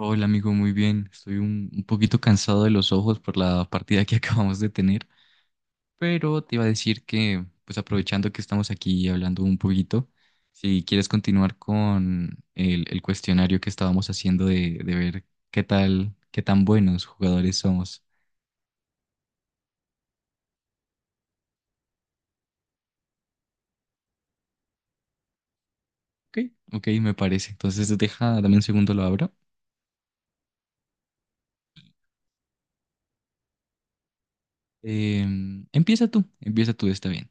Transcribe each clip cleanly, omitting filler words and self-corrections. Hola amigo, muy bien. Estoy un poquito cansado de los ojos por la partida que acabamos de tener, pero te iba a decir que, pues aprovechando que estamos aquí hablando un poquito, si quieres continuar con el cuestionario que estábamos haciendo de ver qué tal, qué tan buenos jugadores somos. Ok, ok, me parece. Entonces deja, dame un segundo, lo abro. Empieza tú, empieza tú, está bien.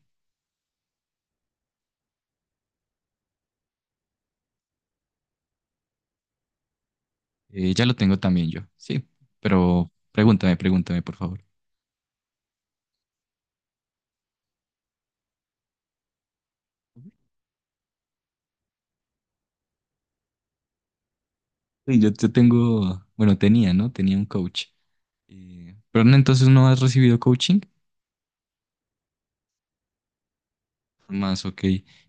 Ya lo tengo también yo, sí, pero pregúntame, pregúntame, por favor. Sí, yo tengo, bueno, tenía, ¿no? Tenía un coach. Pero no, entonces no has recibido coaching. Más, ok.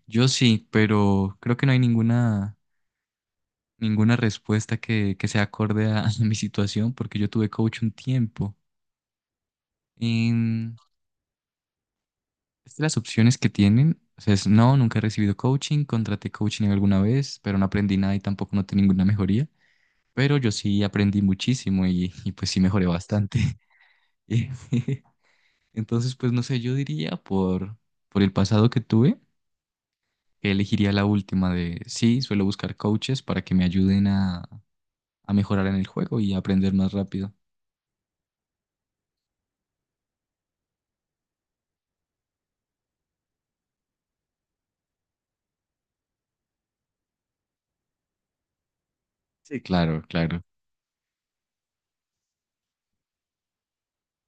Yo sí, pero creo que no hay ninguna respuesta que sea acorde a, a mi situación, porque yo tuve coach un tiempo. En, es de las opciones que tienen, o sea, es no, nunca he recibido coaching, contraté coaching alguna vez, pero no aprendí nada y tampoco noté ninguna mejoría. Pero yo sí aprendí muchísimo y pues sí mejoré bastante. Entonces, pues no sé, yo diría por el pasado que tuve, que elegiría la última de, sí, suelo buscar coaches para que me ayuden a mejorar en el juego y a aprender más rápido. Sí, claro, claro.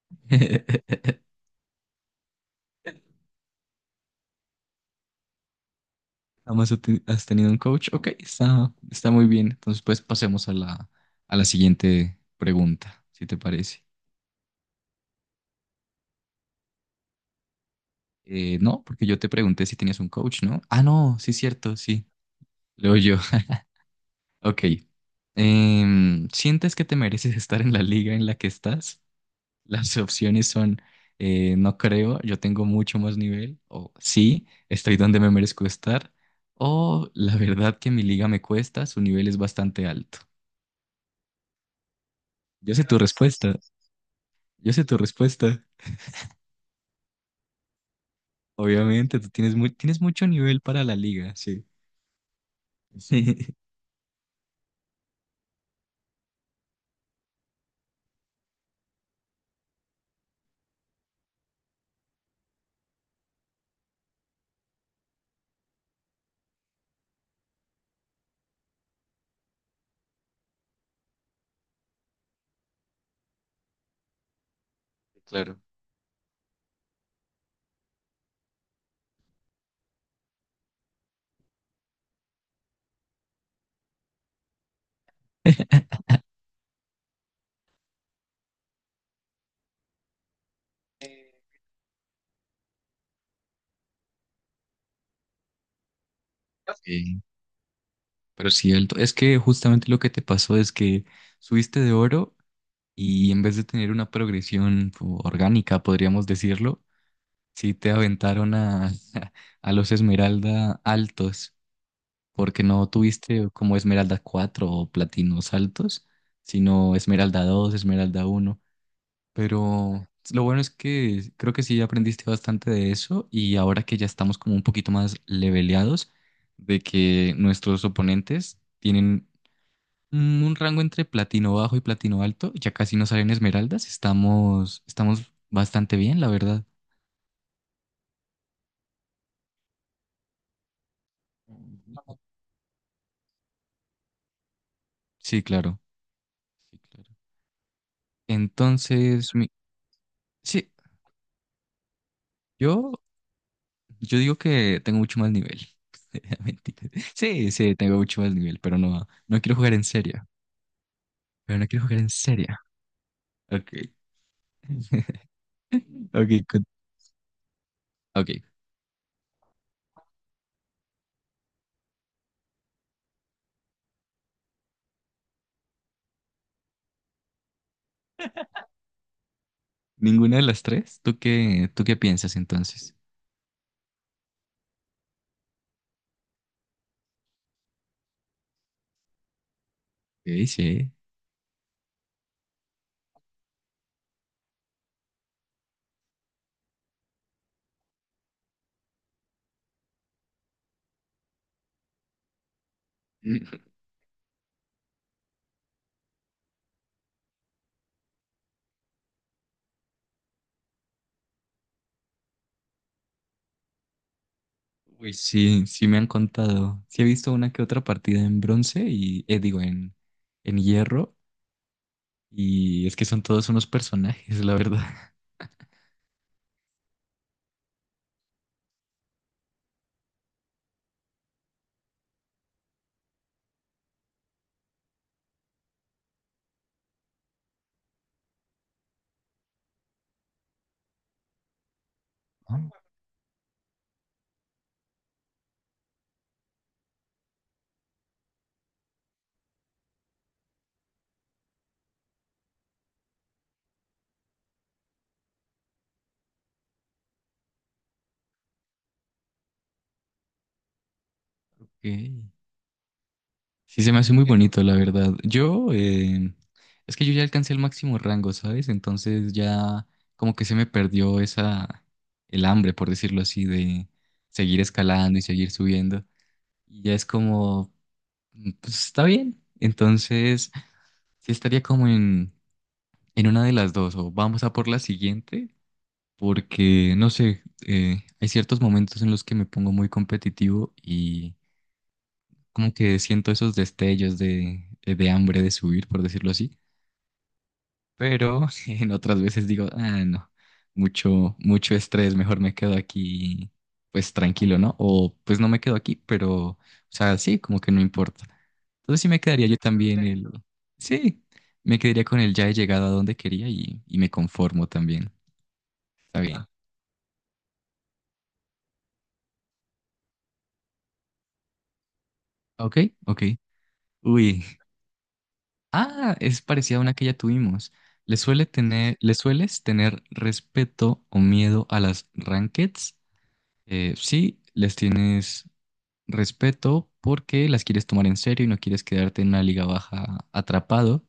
Además has tenido un coach. Ok, está, está muy bien. Entonces, pues pasemos a a la siguiente pregunta, si te parece. No, porque yo te pregunté si tenías un coach, ¿no? Ah, no, sí, cierto, sí. Luego yo. Ok. ¿Sientes que te mereces estar en la liga en la que estás? Las opciones son, no creo, yo tengo mucho más nivel, o sí, estoy donde me merezco estar, o la verdad que mi liga me cuesta, su nivel es bastante alto. Yo sé tu respuesta, yo sé tu respuesta. Obviamente, tú tienes muy, tienes mucho nivel para la liga, sí. Claro. Sí, pero sí, el to- es que justamente lo que te pasó es que subiste de oro y en vez de tener una progresión po- orgánica, podríamos decirlo, sí te aventaron a, a los Esmeralda altos, porque no tuviste como Esmeralda 4 o Platinos altos, sino Esmeralda 2 Esmeralda uno. Pero lo bueno es que creo que sí aprendiste bastante de eso y ahora que ya estamos como un poquito más leveleados, de que nuestros oponentes tienen un rango entre Platino bajo y Platino alto, ya casi no salen Esmeraldas, estamos, estamos bastante bien, la verdad. Sí, claro. Sí, claro. Entonces, mi- sí, yo, yo digo que tengo mucho más nivel. Mentira. Sí, sí, tengo mucho más nivel, pero no, no quiero jugar en serio. Pero no quiero jugar en serio. Ok. Ok, con- ok. ¿Ninguna de las tres? Tú qué piensas entonces? Sí, sí. Uy, sí, sí me han contado. Sí he visto una que otra partida en bronce y, digo, en hierro. Y es que son todos unos personajes, la verdad. Ah, ok. Sí, se me hace muy bonito, la verdad. Yo, es que yo ya alcancé el máximo rango, ¿sabes? Entonces ya como que se me perdió esa, el hambre, por decirlo así, de seguir escalando y seguir subiendo. Y ya es como, mm, pues está bien. Entonces sí estaría como en una de las dos, o vamos a por la siguiente, porque no sé, hay ciertos momentos en los que me pongo muy competitivo como que siento esos destellos de hambre de subir, por decirlo así, pero en otras veces digo, ah, no, mucho, mucho estrés, mejor me quedo aquí, pues tranquilo, ¿no? O pues no me quedo aquí, pero, o sea, sí, como que no importa. Entonces sí me quedaría yo también el, sí, me quedaría con el ya he llegado a donde quería y me conformo también. Está bien. Ah, ok, ok. Uy. Ah, es parecida a una que ya tuvimos. ¿Le suele tener, le sueles tener respeto o miedo a las rankeds? Sí, les tienes respeto porque las quieres tomar en serio y no quieres quedarte en una liga baja atrapado.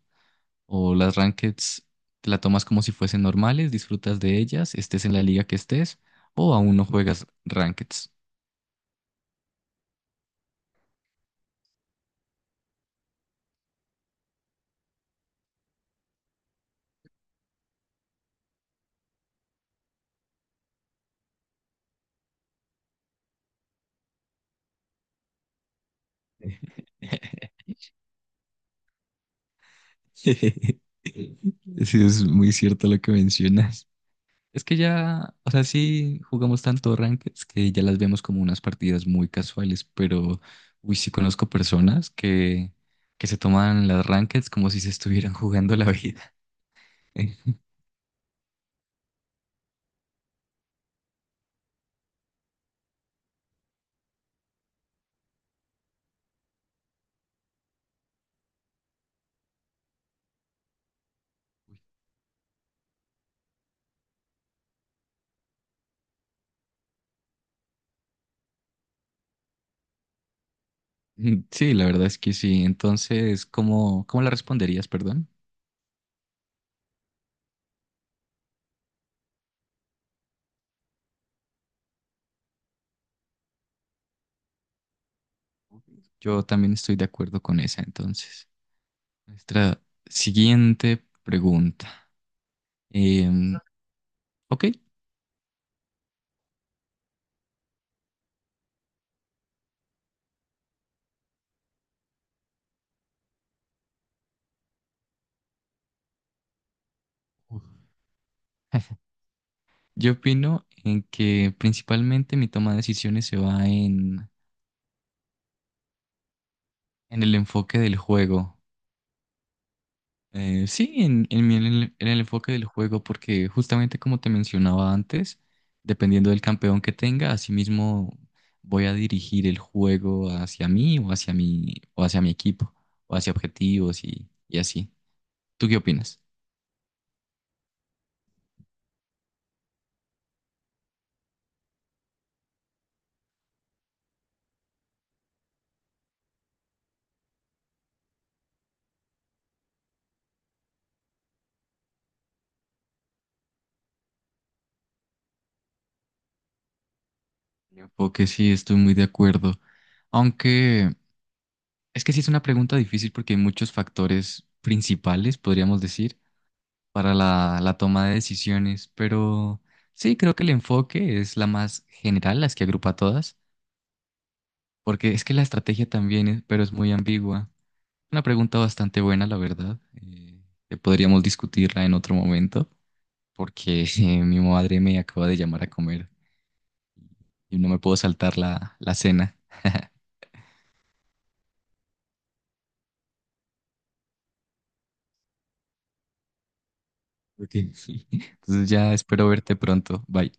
O las rankeds te la tomas como si fuesen normales, disfrutas de ellas, estés en la liga que estés, o aún no juegas rankeds. Sí, es muy cierto lo que mencionas. Es que ya, o sea, sí jugamos tanto rankeds que ya las vemos como unas partidas muy casuales, pero uy, sí conozco personas que se toman las rankeds como si se estuvieran jugando la vida. Sí, la verdad es que sí. Entonces, ¿cómo, cómo la responderías, perdón? Yo también estoy de acuerdo con esa, entonces. Nuestra siguiente pregunta. Em, ok. Uf. Yo opino en que principalmente mi toma de decisiones se va en el enfoque del juego. Sí, en mi- en el enfoque del juego, porque justamente como te mencionaba antes, dependiendo del campeón que tenga, asimismo voy a dirigir el juego hacia mí o hacia mi equipo, o hacia objetivos y así. ¿Tú qué opinas? El enfoque sí, estoy muy de acuerdo. Aunque es que sí es una pregunta difícil porque hay muchos factores principales, podríamos decir, para la toma de decisiones, pero sí, creo que el enfoque es la más general, las que agrupa a todas, porque es que la estrategia también es, pero es muy ambigua. Una pregunta bastante buena, la verdad, que podríamos discutirla en otro momento, porque mi madre me acaba de llamar a comer y no me puedo saltar la cena. Ok. Entonces ya espero verte pronto. Bye.